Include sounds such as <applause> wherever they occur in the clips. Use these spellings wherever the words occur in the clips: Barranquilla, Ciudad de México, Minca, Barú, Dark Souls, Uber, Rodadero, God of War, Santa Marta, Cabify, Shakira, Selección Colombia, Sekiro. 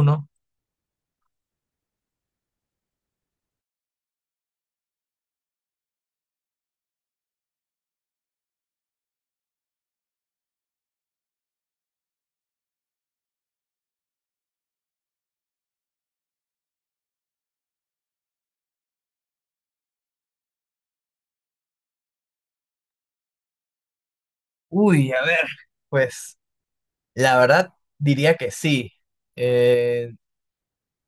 Uno. Uy, a ver. La verdad diría que sí. Eh,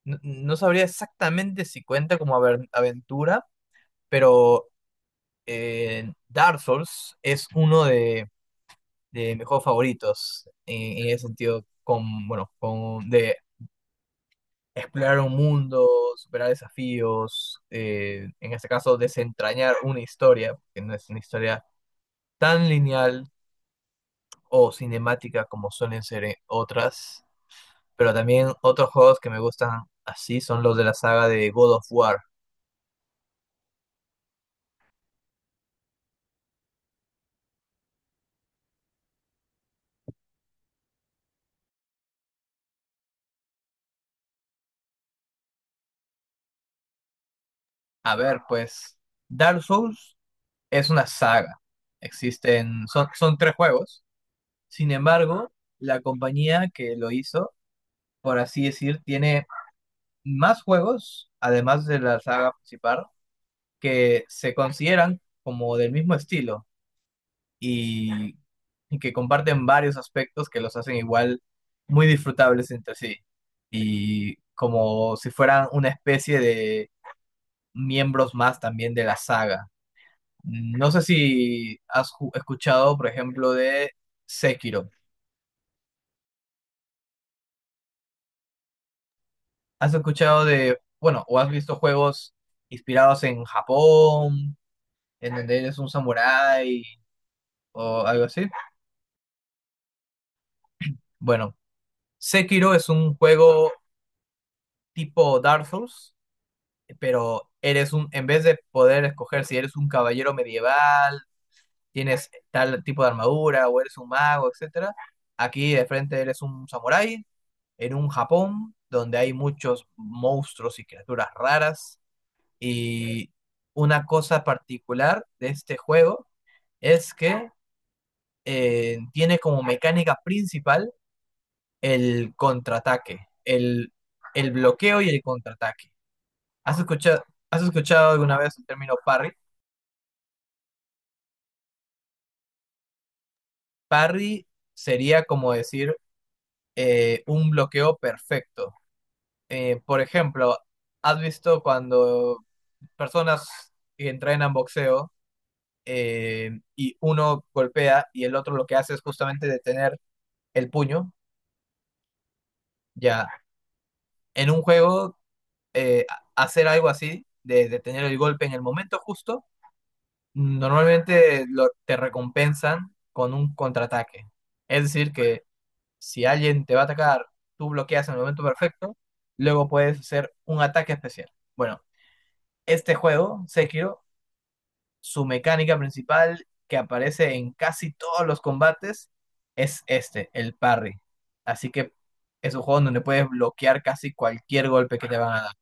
no, no sabría exactamente si cuenta como aventura, pero Dark Souls es uno de mis juegos favoritos en ese sentido, con, bueno, con, de explorar un mundo, superar desafíos, en este caso desentrañar una historia, que no es una historia tan lineal o cinemática como suelen ser otras. Pero también otros juegos que me gustan así son los de la saga de God of War. A ver, pues Dark Souls es una saga. Existen, son tres juegos. Sin embargo, la compañía que lo hizo, por así decir, tiene más juegos, además de la saga principal, que se consideran como del mismo estilo, y, y que comparten varios aspectos que los hacen igual muy disfrutables entre sí. Y como si fueran una especie de miembros más también de la saga. No sé si has escuchado, por ejemplo, de Sekiro. ¿Has escuchado de, bueno, o has visto juegos inspirados en Japón, en donde eres un samurái o algo así? Bueno, Sekiro es un juego tipo Dark Souls, pero eres un, en vez de poder escoger si eres un caballero medieval, tienes tal tipo de armadura o eres un mago, etcétera, aquí de frente eres un samurái en un Japón donde hay muchos monstruos y criaturas raras, y una cosa particular de este juego es que tiene como mecánica principal el contraataque, el bloqueo y el contraataque. ¿Has escuchado, has escuchado alguna vez el término parry? Parry sería como decir un bloqueo perfecto. Por ejemplo, ¿has visto cuando personas que entrenan boxeo eh, y uno golpea y el otro lo que hace es justamente detener el puño? Ya, en un juego, eh, hacer algo así, de detener el golpe en el momento justo, normalmente te recompensan con un contraataque. Es decir, que si alguien te va a atacar, tú bloqueas en el momento perfecto, luego puedes hacer un ataque especial. Bueno, este juego, Sekiro, su mecánica principal que aparece en casi todos los combates es este, el parry. Así que es un juego donde puedes bloquear casi cualquier golpe que te van a dar.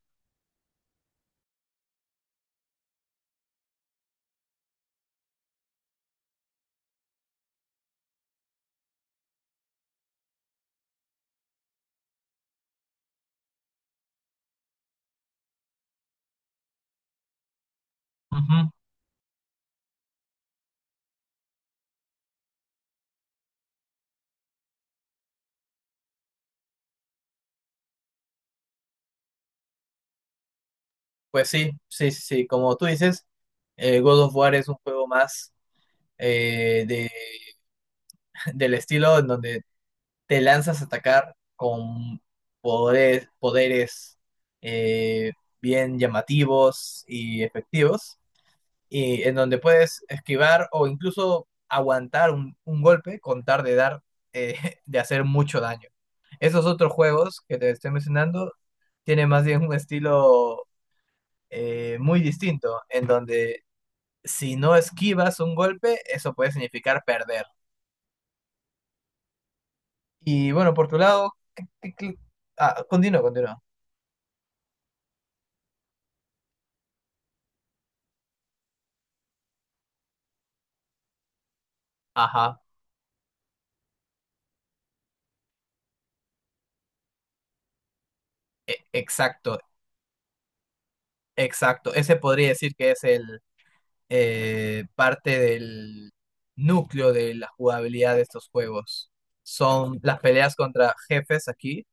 Ujú. Pues sí, sí, sí, sí, como tú dices, God of War es un juego más eh, de, <laughs> del estilo en donde te lanzas a atacar con poderes, poderes eh, bien llamativos y efectivos, y en donde puedes esquivar o incluso aguantar un golpe con tal de dar, eh, <laughs> de hacer mucho daño. Esos otros juegos que te estoy mencionando tienen más bien un estilo muy distinto, en donde si no esquivas un golpe, eso puede significar perder. Y bueno, por tu lado, ah, continúa, continúa. Ajá, exacto, exacto. Ese podría decir que es el parte del núcleo de la jugabilidad de estos juegos. Son las peleas contra jefes aquí,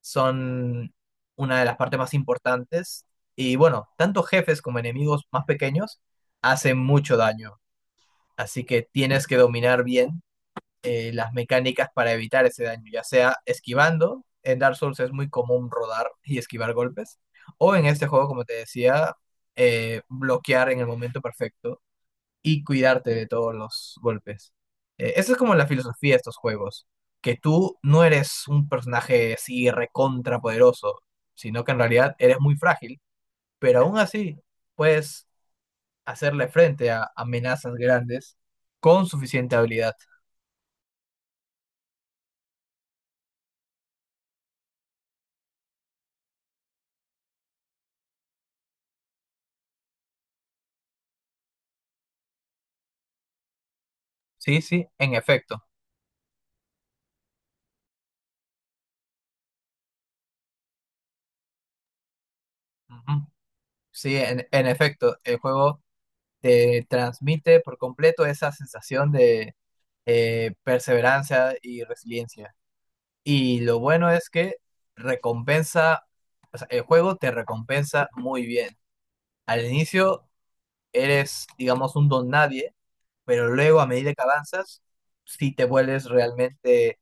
son una de las partes más importantes. Y bueno, tanto jefes como enemigos más pequeños hacen mucho daño. Así que tienes que dominar bien las mecánicas para evitar ese daño, ya sea esquivando. En Dark Souls es muy común rodar y esquivar golpes, o en este juego, como te decía, bloquear en el momento perfecto y cuidarte de todos los golpes. Esa es como la filosofía de estos juegos, que tú no eres un personaje así recontra poderoso, sino que en realidad eres muy frágil, pero aún así puedes hacerle frente a amenazas grandes con suficiente habilidad. Sí, sí, en efecto. Ujú. Sí, en efecto, el juego te transmite por completo esa sensación de perseverancia y resiliencia. Y lo bueno es que recompensa, o sea, el juego te recompensa muy bien. Al inicio eres, digamos, un don nadie, pero luego a medida que avanzas, si te vuelves realmente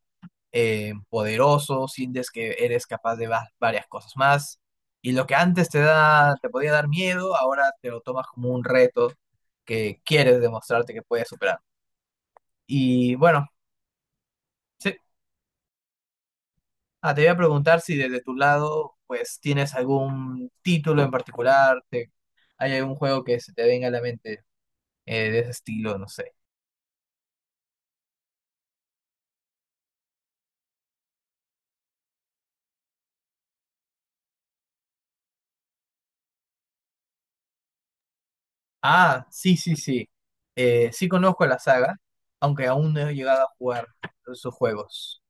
poderoso, sientes que eres capaz de varias cosas más, y lo que antes te da, te podía dar miedo, ahora te lo tomas como un reto que quieres demostrarte que puedes superar. Y bueno, sí, ah, te voy a preguntar si desde tu lado, pues, tienes algún título en particular, hay algún juego que se te venga a la mente de ese estilo, no sé. Ah, sí, sí, sí. Sí conozco la saga, aunque aún no he llegado a jugar sus juegos.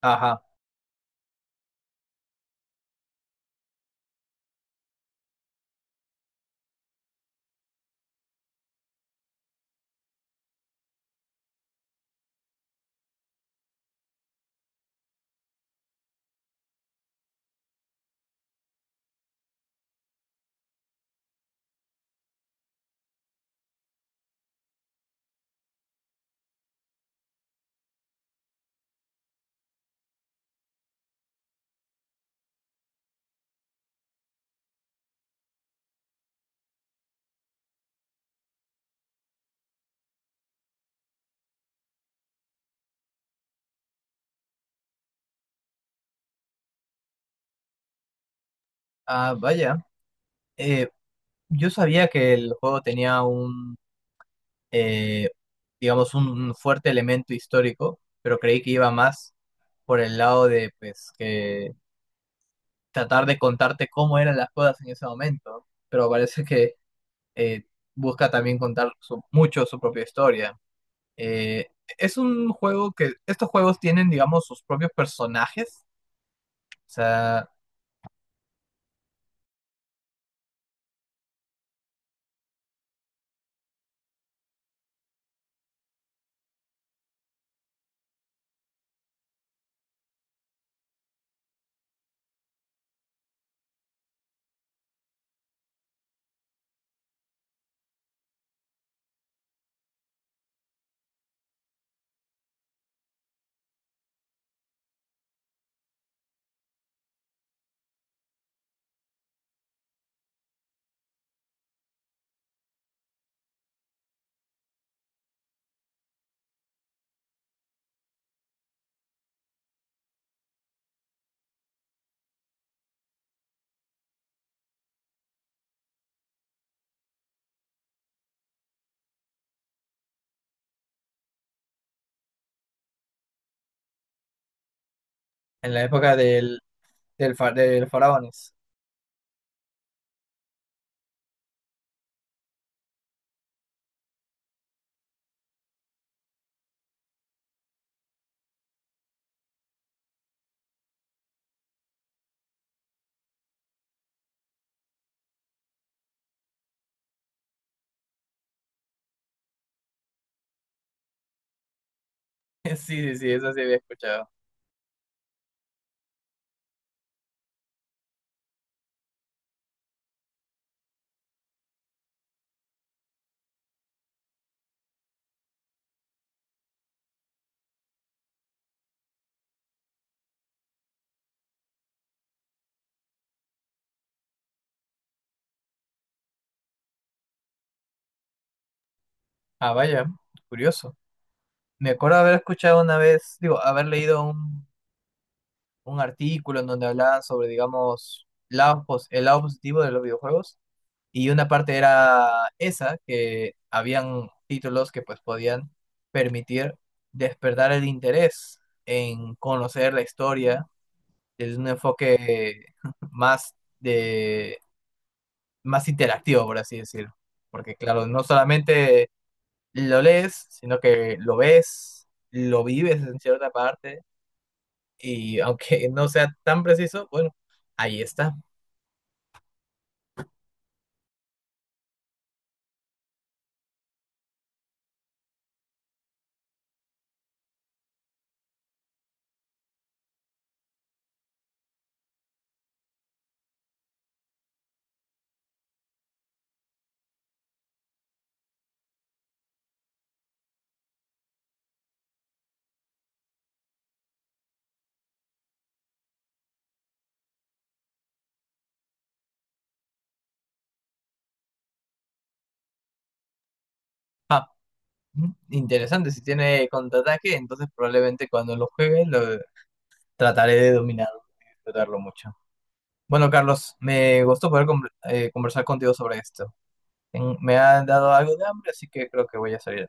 Ajá. Ah, vaya. Eh, yo sabía que el juego tenía eh, digamos, un fuerte elemento histórico, pero creí que iba más por el lado de, pues, que tratar de contarte cómo eran las cosas en ese momento, ¿no? Pero parece que eh, busca también contar mucho su propia historia. Eh, es un juego que estos juegos tienen, digamos, sus propios personajes. O sea, en la época del faraones. <laughs> Sí, sí, sí, eso sí había escuchado. Ah, vaya, curioso. Me acuerdo haber escuchado una vez, digo, haber leído un artículo en donde hablaban sobre, digamos, el lado positivo de los videojuegos. Y una parte era esa, que habían títulos que pues podían permitir despertar el interés en conocer la historia. Es un enfoque <laughs> más de, más interactivo, por así decirlo. Porque claro, no solamente lo lees, sino que lo ves, lo vives en cierta parte, y aunque <laughs> no sea tan preciso, bueno, ahí está. Interesante, si tiene contraataque, entonces probablemente cuando lo juegue lo trataré de dominar, disfrutarlo mucho. Bueno, Carlos, me gustó poder conversar contigo sobre esto. Me ha dado algo de hambre, así que creo que voy a salir.